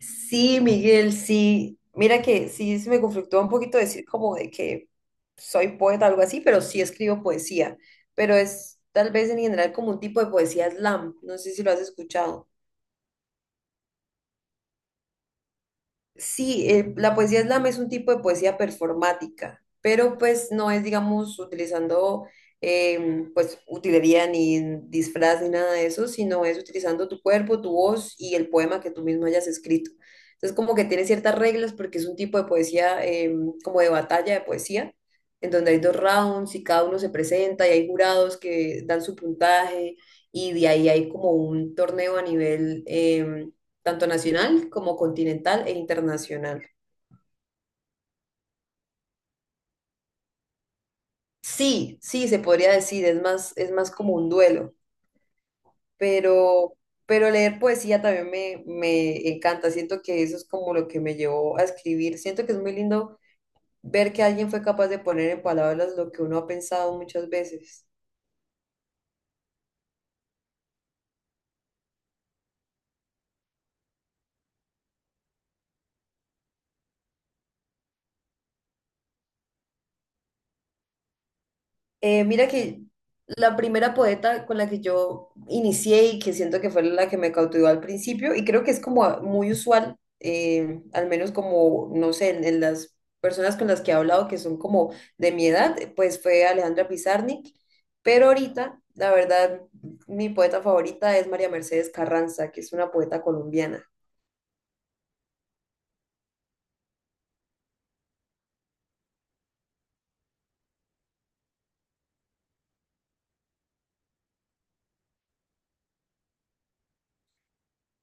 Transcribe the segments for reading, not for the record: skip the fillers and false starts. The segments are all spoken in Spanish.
Sí, Miguel, sí. Mira que sí se me conflictó un poquito decir como de que soy poeta o algo así, pero sí escribo poesía. Pero es tal vez en general como un tipo de poesía slam. No sé si lo has escuchado. Sí, la poesía slam es un tipo de poesía performática, pero pues no es, digamos, utilizando pues utilería ni disfraz ni nada de eso, sino es utilizando tu cuerpo, tu voz y el poema que tú mismo hayas escrito. Entonces como que tiene ciertas reglas porque es un tipo de poesía como de batalla de poesía, en donde hay dos rounds y cada uno se presenta y hay jurados que dan su puntaje y de ahí hay como un torneo a nivel mundial tanto nacional como continental e internacional. Sí, sí, se podría decir, es más como un duelo, pero, pero leer poesía también me encanta, siento que eso es como lo que me llevó a escribir, siento que es muy lindo ver que alguien fue capaz de poner en palabras lo que uno ha pensado muchas veces. Mira que la primera poeta con la que yo inicié y que siento que fue la que me cautivó al principio, y creo que es como muy usual, al menos como, no sé, en las personas con las que he hablado que son como de mi edad, pues fue Alejandra Pizarnik, pero ahorita, la verdad, mi poeta favorita es María Mercedes Carranza, que es una poeta colombiana.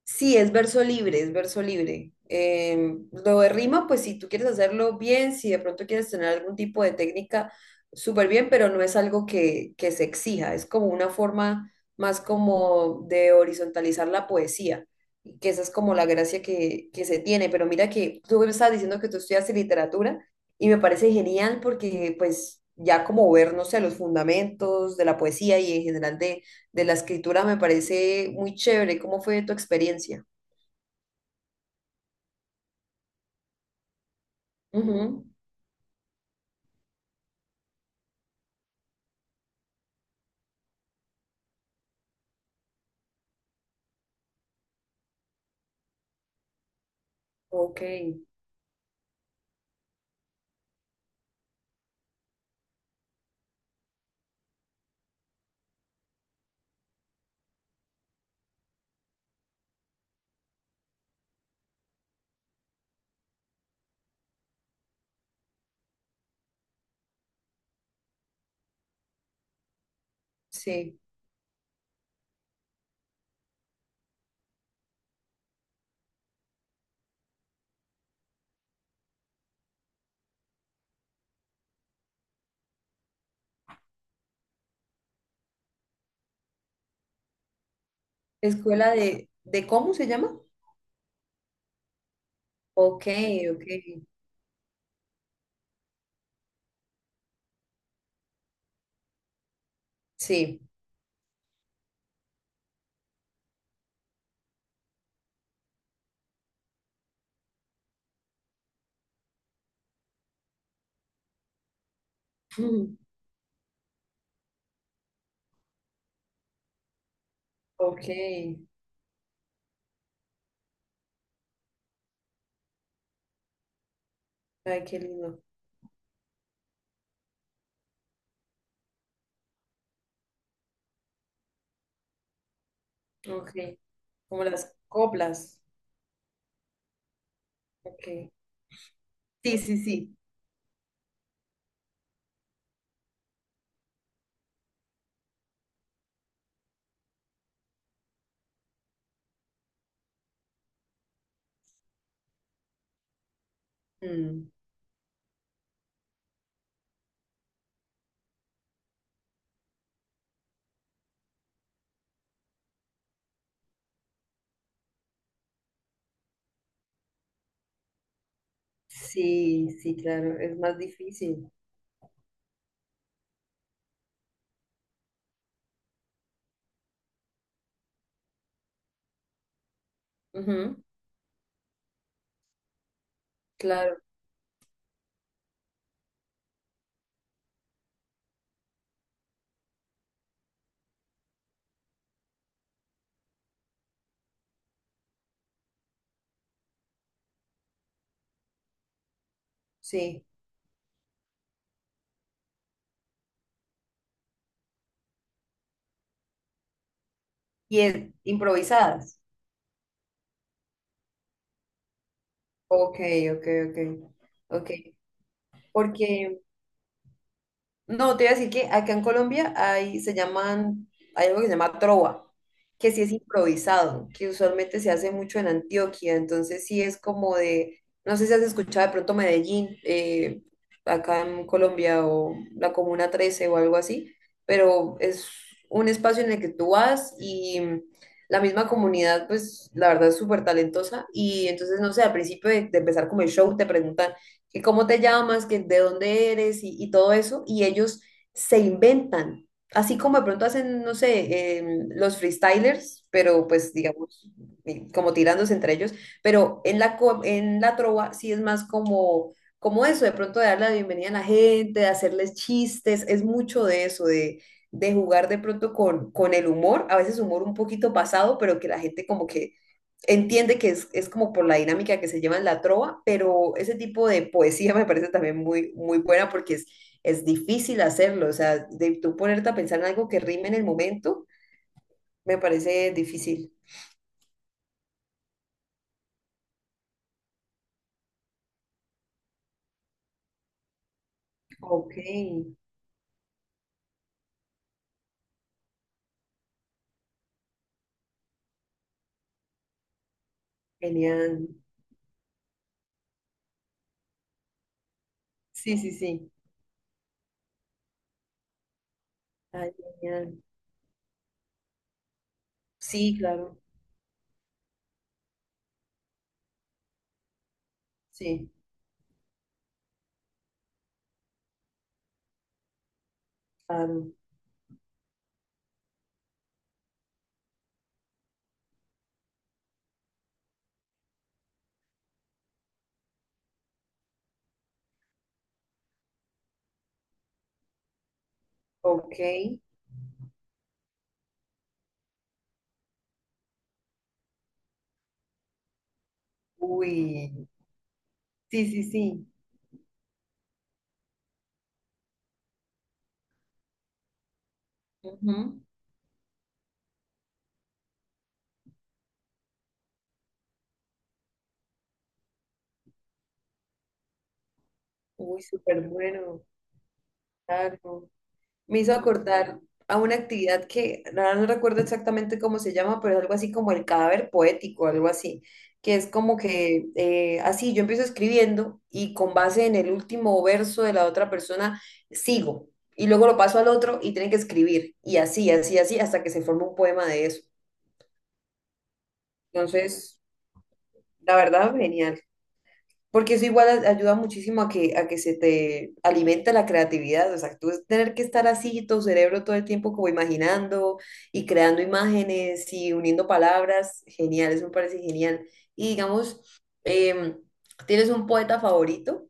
Sí, es verso libre, es verso libre. Lo de rima, pues si tú quieres hacerlo bien, si de pronto quieres tener algún tipo de técnica, súper bien, pero no es algo que se exija, es como una forma más como de horizontalizar la poesía, que esa es como la gracia que se tiene. Pero mira que tú me estabas diciendo que tú estudiaste literatura y me parece genial porque pues ya como ver, no sé, los fundamentos de la poesía y en general de la escritura me parece muy chévere. ¿Cómo fue tu experiencia? Ujú. Ok, sí. ¿Escuela de cómo se llama? Ok, ok, sí. Ujú. Ok, ay, qué lindo. Ok, como las coplas. Ok. Sí, sí, sí. Mm. Sí, sí, claro, es más difícil. Ujú. Claro, sí. Y es improvisadas. Ok, ok, ok. Ok, porque no, te iba a decir que acá en Colombia hay, se llaman, hay algo que se llama trova, que sí es improvisado, que usualmente se hace mucho en Antioquia, entonces sí es como de, no sé si has escuchado de pronto Medellín, acá en Colombia o la Comuna 13 o algo así, pero es un espacio en el que tú vas y la misma comunidad, pues la verdad es súper talentosa y entonces, no sé, al principio de empezar como el show te preguntan que cómo te llamas, que de dónde eres y todo eso, y ellos se inventan, así como de pronto hacen, no sé, los freestylers, pero pues digamos, como tirándose entre ellos, pero en la, en la trova sí es más como, como eso, de pronto de dar la bienvenida a la gente, de hacerles chistes, es mucho de eso, de jugar de pronto con el humor, a veces humor un poquito pasado, pero que la gente como que entiende que es como por la dinámica que se lleva en la trova, pero ese tipo de poesía me parece también muy, muy buena porque es difícil hacerlo, o sea, de tú ponerte a pensar en algo que rime en el momento, me parece difícil. Ok, genial. Sí, sí, sí. Ay, genial. Sí, claro, sí, claro. Ok, uy, sí, sí, sí. Ujú. Uy, súper bueno, claro. Me hizo acordar a una actividad que ahora no recuerdo exactamente cómo se llama, pero es algo así como el cadáver poético, algo así, que es como que así yo empiezo escribiendo y con base en el último verso de la otra persona sigo y luego lo paso al otro y tiene que escribir y así, así, así hasta que se forma un poema de eso. Entonces, la verdad, genial. Porque eso igual ayuda muchísimo a que se te alimente la creatividad. O sea, tú es tener que estar así, tu cerebro todo el tiempo como imaginando y creando imágenes y uniendo palabras. Genial, eso me parece genial. Y digamos, em, ¿tienes un poeta favorito?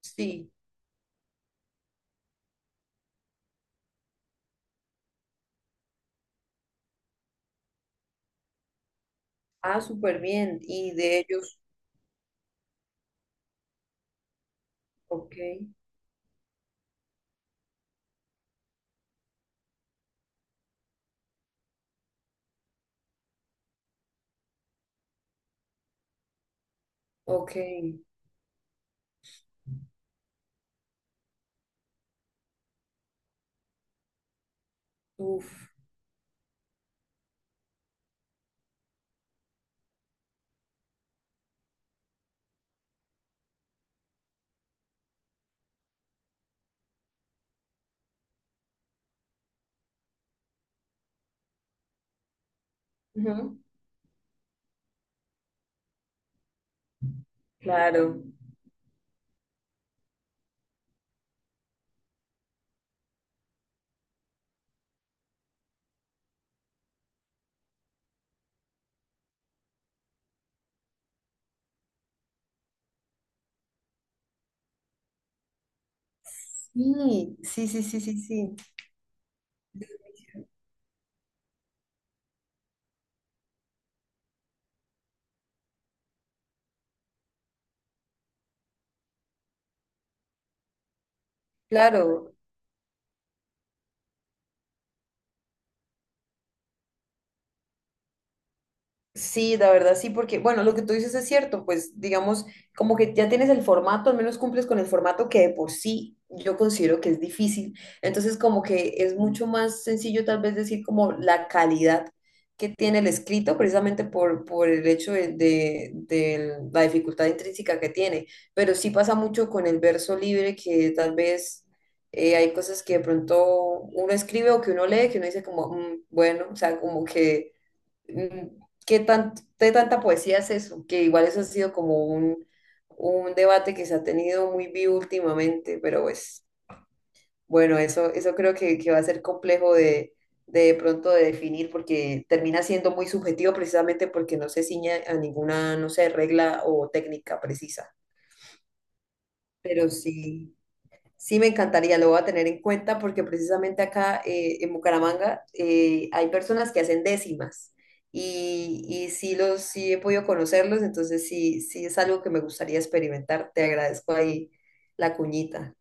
Sí. Ah, súper bien. Y de ellos, ok, ok. Uf. Ujú. Claro. Sí, sí, sí, sí, sí, sí. Claro. Sí, la verdad sí, porque, bueno, lo que tú dices es cierto, pues digamos, como que ya tienes el formato, al menos cumples con el formato que de por sí yo considero que es difícil. Entonces, como que es mucho más sencillo tal vez decir como la calidad que tiene el escrito, precisamente por el hecho de, de la dificultad intrínseca que tiene. Pero sí pasa mucho con el verso libre, que tal vez hay cosas que de pronto uno escribe o que uno lee, que uno dice como, "Mm, bueno, o sea, como que mm, ¿qué tan, de tanta poesía es eso? Que igual eso ha sido como un debate que se ha tenido muy vivo últimamente, pero pues bueno, eso creo que va a ser complejo de pronto de definir porque termina siendo muy subjetivo precisamente porque no se ciña a ninguna, no sé, regla o técnica precisa. Pero sí. Sí, me encantaría, lo voy a tener en cuenta porque precisamente acá en Bucaramanga hay personas que hacen décimas y sí, los, sí he podido conocerlos, entonces sí, sí es algo que me gustaría experimentar. Te agradezco ahí la cuñita.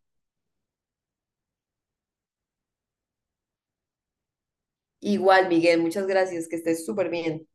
Igual, Miguel, muchas gracias, que estés súper bien.